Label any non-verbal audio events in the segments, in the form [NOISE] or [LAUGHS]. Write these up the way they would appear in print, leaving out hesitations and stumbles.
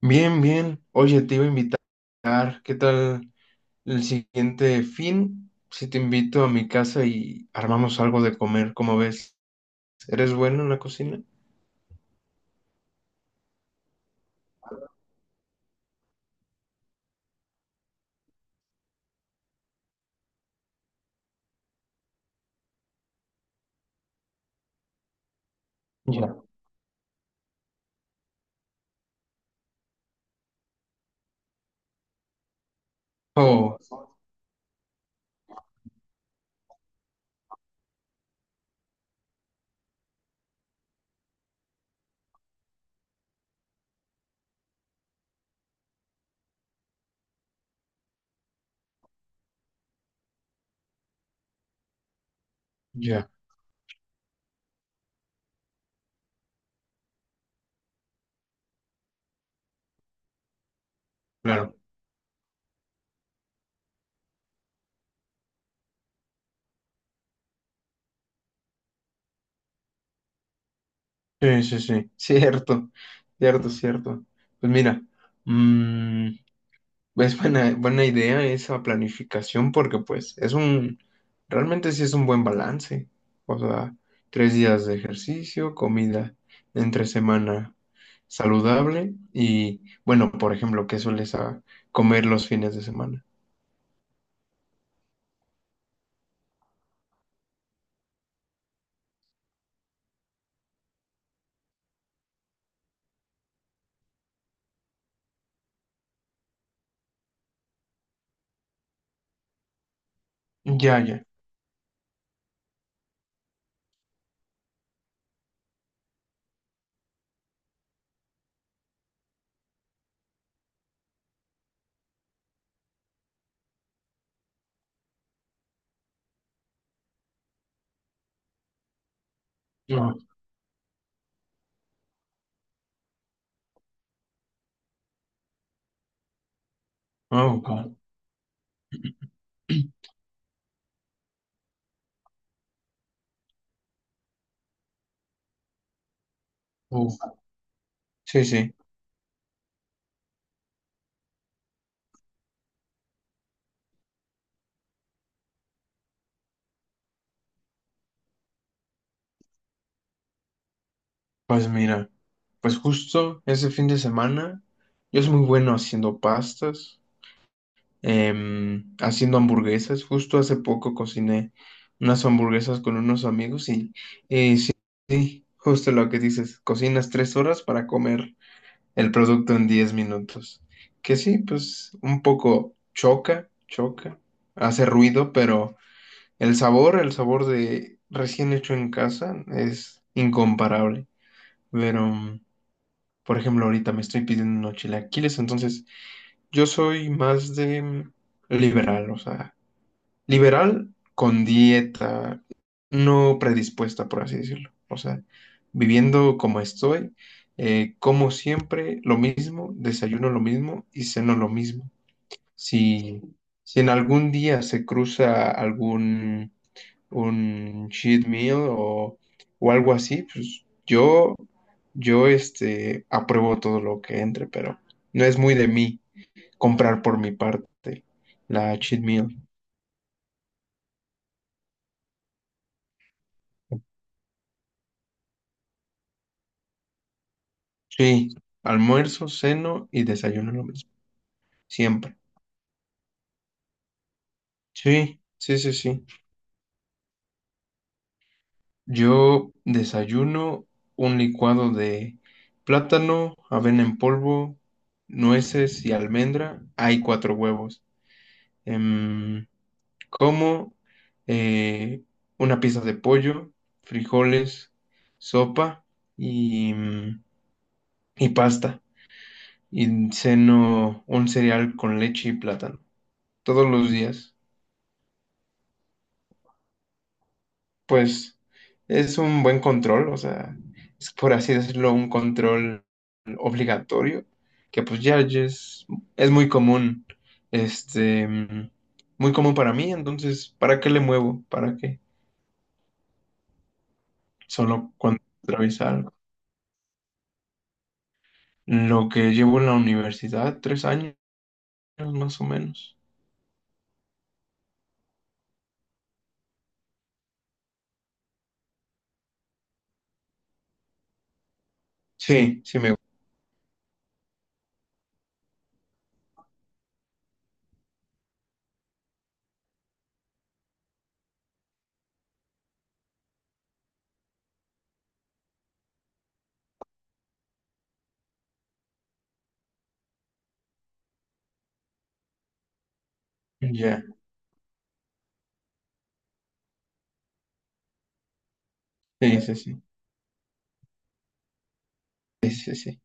Bien, bien. Oye, te iba a invitar. ¿Qué tal el siguiente fin? Si te invito a mi casa y armamos algo de comer, ¿cómo ves? ¿Eres bueno en la cocina? Ya. Oh, ya, claro. Sí, sí, sí. [LAUGHS] Cierto, cierto, cierto. Pues mira, mm, es buena idea esa planificación porque pues realmente sí es un buen balance. O sea, 3 días de ejercicio, comida entre semana saludable y bueno, por ejemplo, ¿qué sueles comer los fines de semana? Ya, ya. Ah, ok. [CLEARS THROAT] Uf, sí, sí. Pues mira, pues justo ese fin de semana yo soy muy bueno haciendo pastas. Haciendo hamburguesas. Justo hace poco cociné unas hamburguesas con unos amigos y sí, justo lo que dices, cocinas tres horas para comer el producto en 10 minutos. Que sí, pues un poco hace ruido, pero el sabor de recién hecho en casa es incomparable. Pero, por ejemplo, ahorita me estoy pidiendo unos chilaquiles, entonces yo soy más de liberal, o sea, liberal con dieta no predispuesta, por así decirlo. O sea, viviendo como estoy, como siempre lo mismo, desayuno lo mismo y ceno lo mismo. Si, si en algún día se cruza algún un cheat meal o algo así, yo apruebo todo lo que entre, pero no es muy de mí comprar por mi parte la cheat meal. Sí, almuerzo, ceno y desayuno lo mismo, siempre. Sí, sí, sí, sí. Yo desayuno un licuado de plátano, avena en polvo, nueces y almendra. Hay 4 huevos. Em, Como eh, una pieza de pollo, frijoles, sopa y, mm, y pasta. Y ceno un cereal con leche y plátano todos los días. Pues es un buen control, o sea, es por así decirlo, un control obligatorio, que pues ya es muy común, este, mm, muy común para mí, entonces, ¿para qué le muevo? ¿Para qué? Solo cuando atraviesa algo. Lo que llevo en la universidad, 3 años más o menos. Sí, sí me gusta. Ya, sí, sí, sí, sí, sí, sí.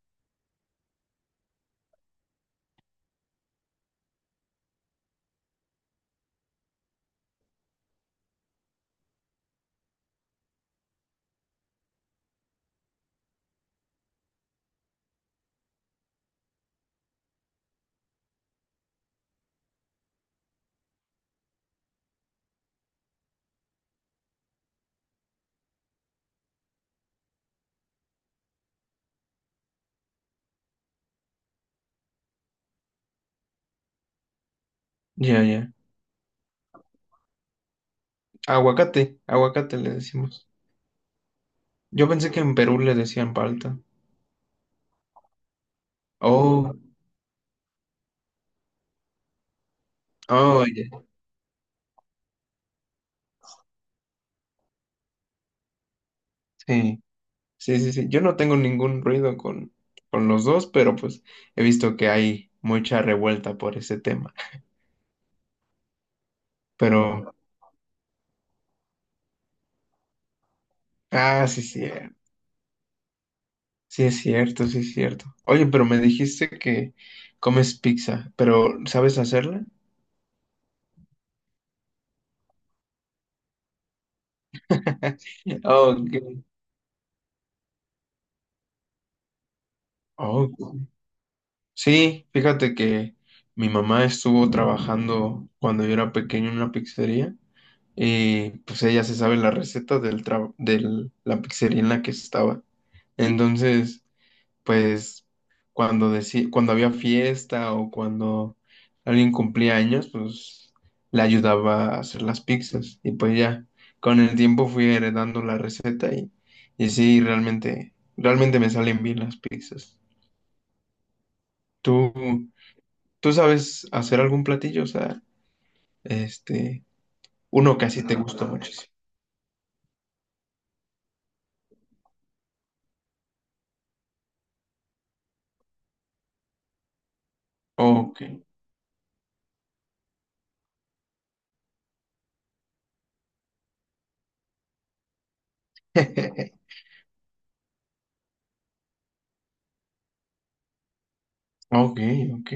Ya, ya. Aguacate, aguacate le decimos. Yo pensé que en Perú le decían palta. Oh. Oye, sí, sí, sí, sí. Yo no tengo ningún ruido con los dos, pero pues he visto que hay mucha revuelta por ese tema. Pero, ah, sí, sí, sí es cierto, sí es cierto. Oye, pero me dijiste que comes pizza, pero ¿sabes hacerla? [LAUGHS] Ok. Ok. Sí, fíjate que mi mamá estuvo trabajando cuando yo era pequeño en una pizzería y pues ella se sabe la receta del tra de la pizzería en la que estaba. Entonces, pues cuando había fiesta o cuando alguien cumplía años, pues le ayudaba a hacer las pizzas y pues ya con el tiempo fui heredando la receta y sí, realmente, realmente me salen bien las pizzas. ¿Tú? ¿Tú sabes hacer algún platillo? O sea, este, uno que así te gusta muchísimo. Ok. [LAUGHS] Ok, ok.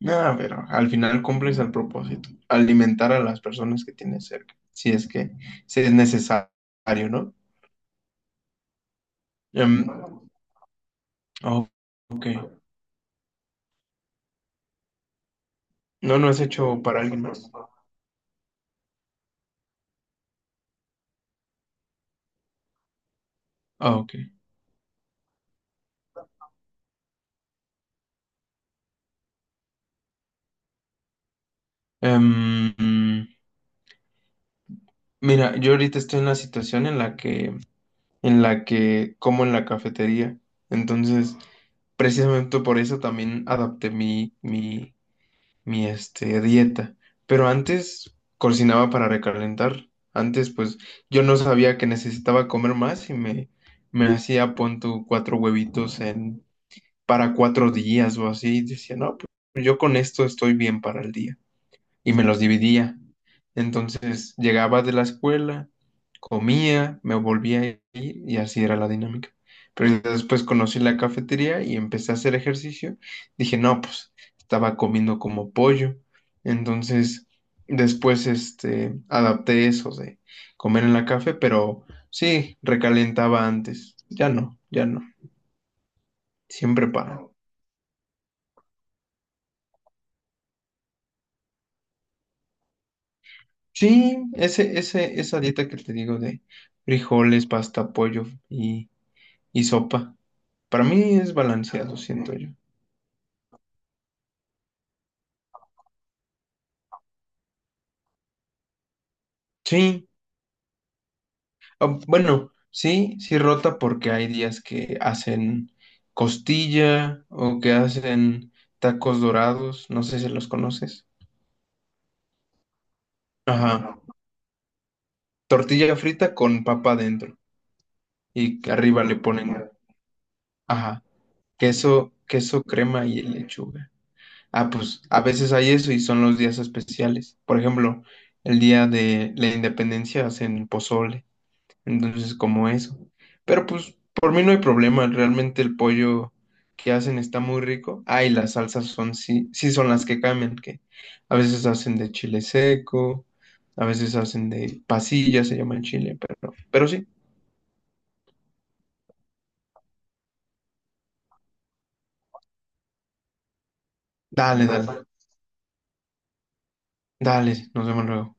Nada, pero al final cumples el propósito, alimentar a las personas que tienes cerca, si es que si es necesario, ¿no? Em, oh, ok. No, no es hecho para alguien más. Ah, ok. Em, mm, Mira, yo ahorita estoy en la situación en en la que como en la cafetería. Entonces, precisamente por eso también adapté mi dieta. Pero antes cocinaba para recalentar. Antes, pues, yo no sabía que necesitaba comer más me hacía, pon tú, 4 huevitos para 4 días o así. Y decía, no, pues yo con esto estoy bien para el día y me los dividía. Entonces llegaba de la escuela, comía, me volvía a ir y así era la dinámica. Pero ya después conocí la cafetería y empecé a hacer ejercicio. Dije, no, pues estaba comiendo como pollo. Entonces después adapté eso de comer en la café, pero sí, recalentaba antes. Ya no, ya no. Siempre para. Sí, esa dieta que te digo de frijoles, pasta, pollo y sopa. Para mí es balanceado, siento yo. Sí, ah, bueno, sí, sí rota porque hay días que hacen costilla o que hacen tacos dorados, no sé si los conoces. Ajá, tortilla frita con papa adentro y que arriba le ponen, ajá, queso, queso crema y lechuga. Ah, pues a veces hay eso y son los días especiales. Por ejemplo, el día de la independencia hacen pozole. Entonces, como eso. Pero pues por mí no hay problema, realmente el pollo que hacen está muy rico. Ah, y las salsas son, sí, sí son las que cambian, que a veces hacen de chile seco, a veces hacen de pasilla, se llama en Chile, pero sí. Dale, dale, dale, nos vemos luego.